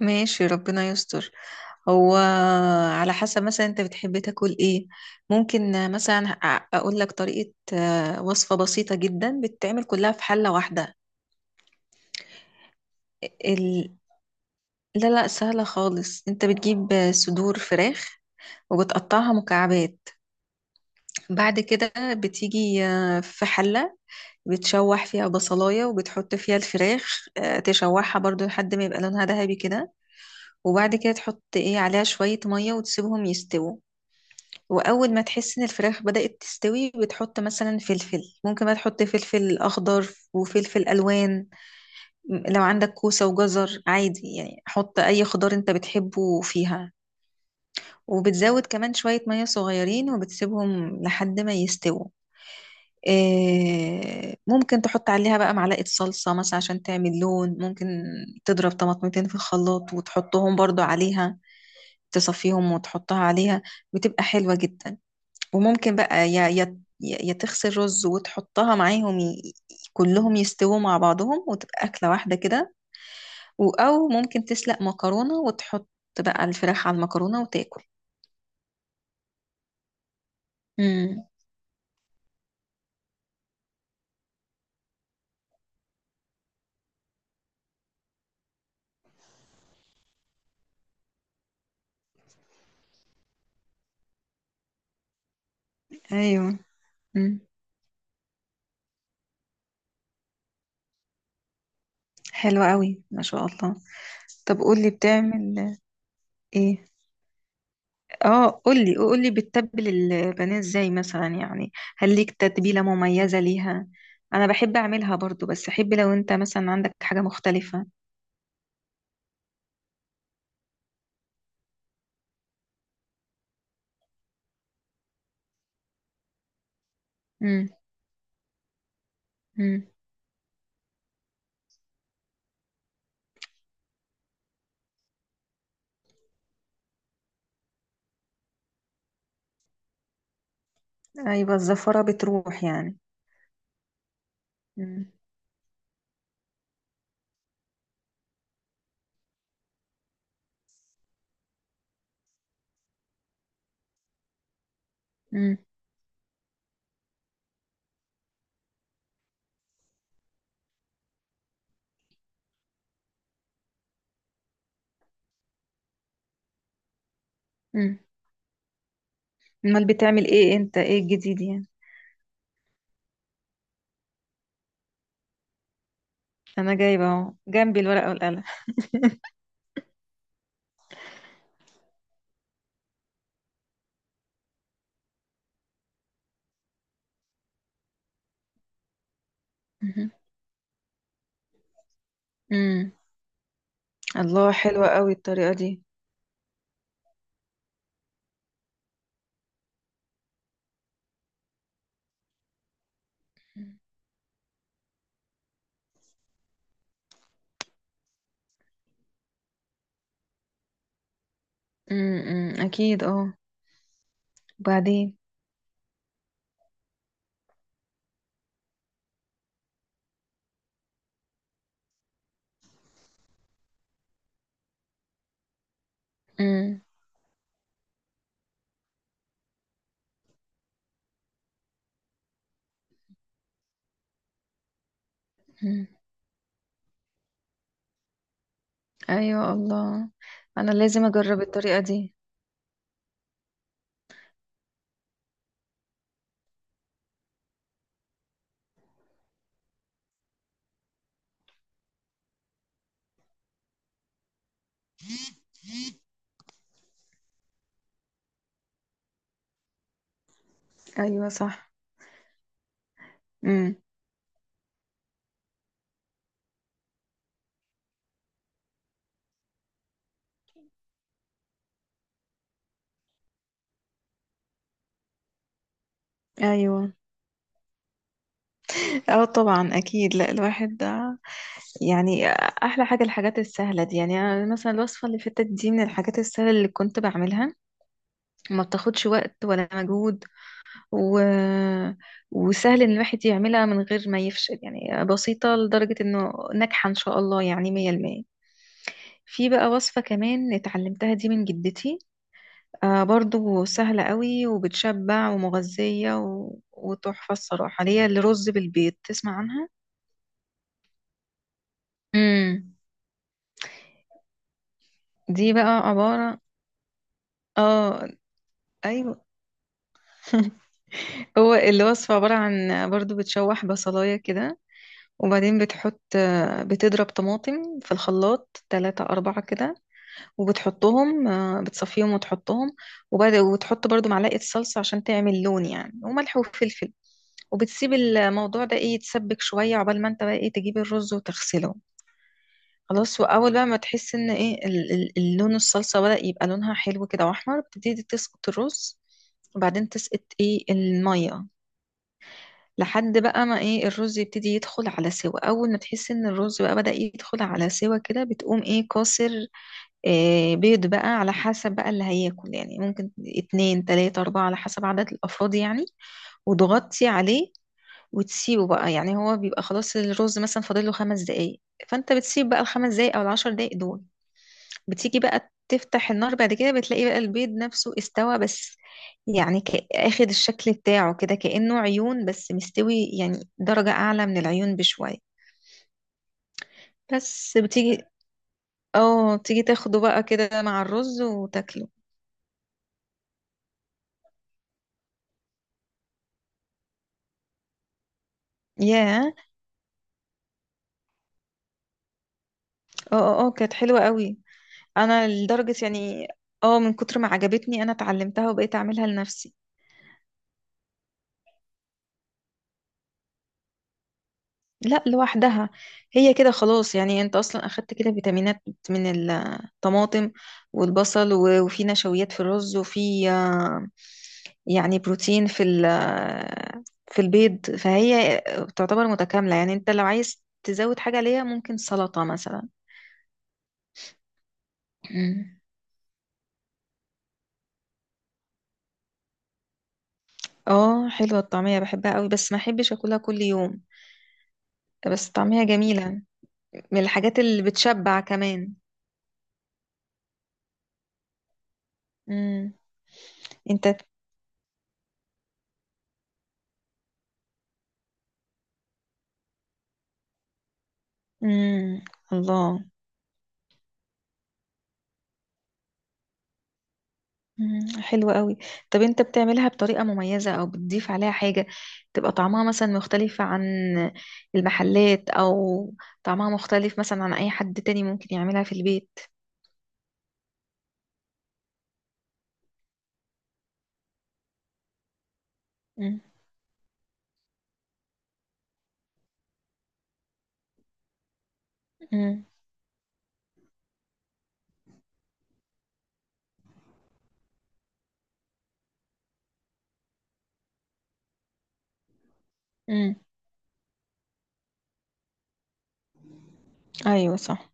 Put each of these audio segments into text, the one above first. ماشي، ربنا يستر. هو على حسب، مثلا انت بتحب تاكل ايه؟ ممكن مثلا اقول لك طريقة وصفة بسيطة جدا بتتعمل كلها في حلة واحدة. ال... لا لا، سهلة خالص. انت بتجيب صدور فراخ وبتقطعها مكعبات. بعد كده بتيجي في حلة بتشوح فيها بصلاية وبتحط فيها الفراخ، تشوحها برضو لحد ما يبقى لونها ذهبي كده. وبعد كده تحط ايه عليها شوية مية وتسيبهم يستووا. واول ما تحس ان الفراخ بدأت تستوي بتحط مثلا فلفل، ممكن بقى تحط فلفل اخضر وفلفل الوان. لو عندك كوسة وجزر عادي يعني، حط اي خضار انت بتحبه فيها. وبتزود كمان شوية مية صغيرين وبتسيبهم لحد ما يستووا. ممكن تحط عليها بقى معلقة صلصة مثلا عشان تعمل لون. ممكن تضرب طماطمتين في الخلاط وتحطهم برضو عليها، تصفيهم وتحطها عليها. بتبقى حلوة جدا. وممكن بقى يا تغسل رز وتحطها معاهم كلهم يستووا مع بعضهم وتبقى أكلة واحدة كده. أو ممكن تسلق مكرونة وتحط بقى الفراخ على المكرونة وتاكل. امم. ايوه. امم، حلوة قوي ما شاء الله. طب قولي بتعمل ايه. اه، قولي قولي، بتتبل البانيه ازاي مثلا يعني؟ هل ليك تتبيلة مميزة ليها؟ انا بحب اعملها برضو، بس احب لو انت مثلا عندك حاجة مختلفة. امم. ايوه، الزفرة بتروح يعني. مم. مم. مم. امال بتعمل ايه انت، ايه الجديد يعني؟ انا جايبه اهو جنبي الورقة والقلم. مهم. مم. الله، حلوة قوي الطريقة دي. مم. مم. اكيد اه. وبعدين؟ مم. مم. ايوه، الله، انا لازم اجرب الطريقة دي. ايوه صح. مم. ايوه، اه طبعا اكيد. لا، الواحد ده يعني احلى حاجه الحاجات السهله دي. يعني أنا مثلا الوصفه اللي فاتت دي من الحاجات السهله اللي كنت بعملها. ما بتاخدش وقت ولا مجهود و... وسهل ان الواحد يعملها من غير ما يفشل. يعني بسيطة لدرجة انه ناجحة ان شاء الله، يعني مية المية. في بقى وصفة كمان اتعلمتها دي من جدتي، برضو سهلة قوي وبتشبع ومغذية وتحفة الصراحة، اللي هي الرز بالبيض. تسمع عنها؟ امم. دي بقى عبارة، اه، ايوه. هو الوصفة عبارة عن برضو بتشوح بصلاية كده. وبعدين بتحط، بتضرب طماطم في الخلاط تلاتة أربعة كده، وبتحطهم بتصفيهم وتحطهم. وبعد وتحط برضو معلقة صلصة عشان تعمل لون يعني، وملح وفلفل. وبتسيب الموضوع ده ايه، يتسبك شوية، عقبال ما انت بقى ايه تجيب الرز وتغسله. خلاص، وأول بقى ما تحس ان ايه اللون الصلصة بدأ يبقى لونها حلو كده وأحمر، بتبتدي تسقط الرز. وبعدين تسقط ايه المية، لحد بقى ما ايه الرز يبتدي يدخل على سوا. اول ما تحس ان الرز بقى بدأ يدخل على سوا كده، بتقوم ايه كاسر بيض بقى على حسب بقى اللي هياكل، يعني ممكن اتنين تلاتة اربعة على حسب عدد الافراد يعني. وتغطي عليه وتسيبه بقى، يعني هو بيبقى خلاص الرز مثلا فاضل له خمس دقايق. فانت بتسيب بقى الخمس دقايق او العشر دقايق دول، بتيجي بقى تفتح النار بعد كده، بتلاقي بقى البيض نفسه استوى بس، يعني اخد الشكل بتاعه كده كأنه عيون، بس مستوي يعني درجة أعلى من العيون بشوية. بس بتيجي تاخده بقى كده مع الرز وتاكله. ياه، اه اه اه، كانت حلوة قوي. انا لدرجة يعني، اه، من كتر ما عجبتني انا اتعلمتها وبقيت اعملها لنفسي. لا، لوحدها. هي كده خلاص، يعني انت اصلا اخدت كده فيتامينات من الطماطم والبصل، و- وفي نشويات في الرز، وفي يعني بروتين في في البيض، فهي تعتبر متكاملة. يعني انت لو عايز تزود حاجة ليها ممكن سلطة مثلا. مم. اه، حلوة الطعمية، بحبها قوي، بس ما احبش اكلها كل يوم. بس الطعمية جميلة، من الحاجات اللي بتشبع كمان. مم. انت. مم. الله. مم، حلو قوي. طب انت بتعملها بطريقة مميزة او بتضيف عليها حاجة تبقى طعمها مثلا مختلفة عن المحلات، او طعمها مختلف مثلا عن اي حد تاني ممكن يعملها في البيت؟ مم، مم، مم. ايوه صح.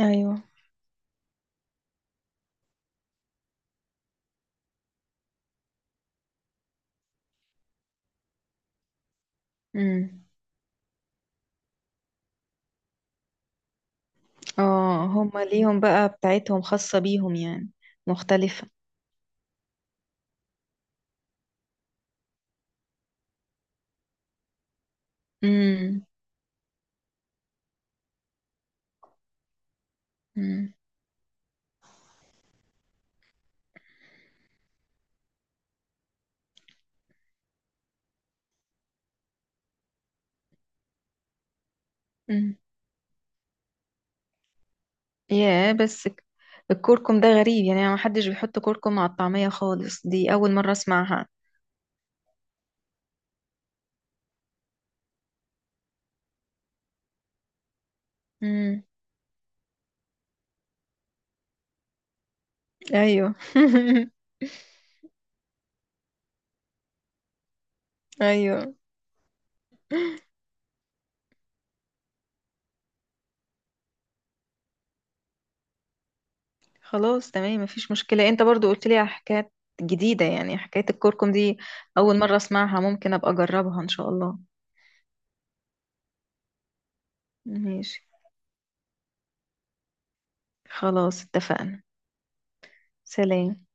ايوه. مم. اه، هما ليهم بقى بتاعتهم خاصة بيهم يعني مختلفة. امم. امم. امم. يا، بس الكركم ده غريب يعني، ما حدش بيحط كركم مع الطعمية خالص، دي اول مرة اسمعها. امم. ايوه. ايوه، خلاص تمام مفيش مشكلة. انت برضو قلت لي على حكايات جديدة، يعني حكاية الكركم دي اول مرة اسمعها، ممكن ابقى اجربها ان شاء الله. ماشي، خلاص اتفقنا. سلام.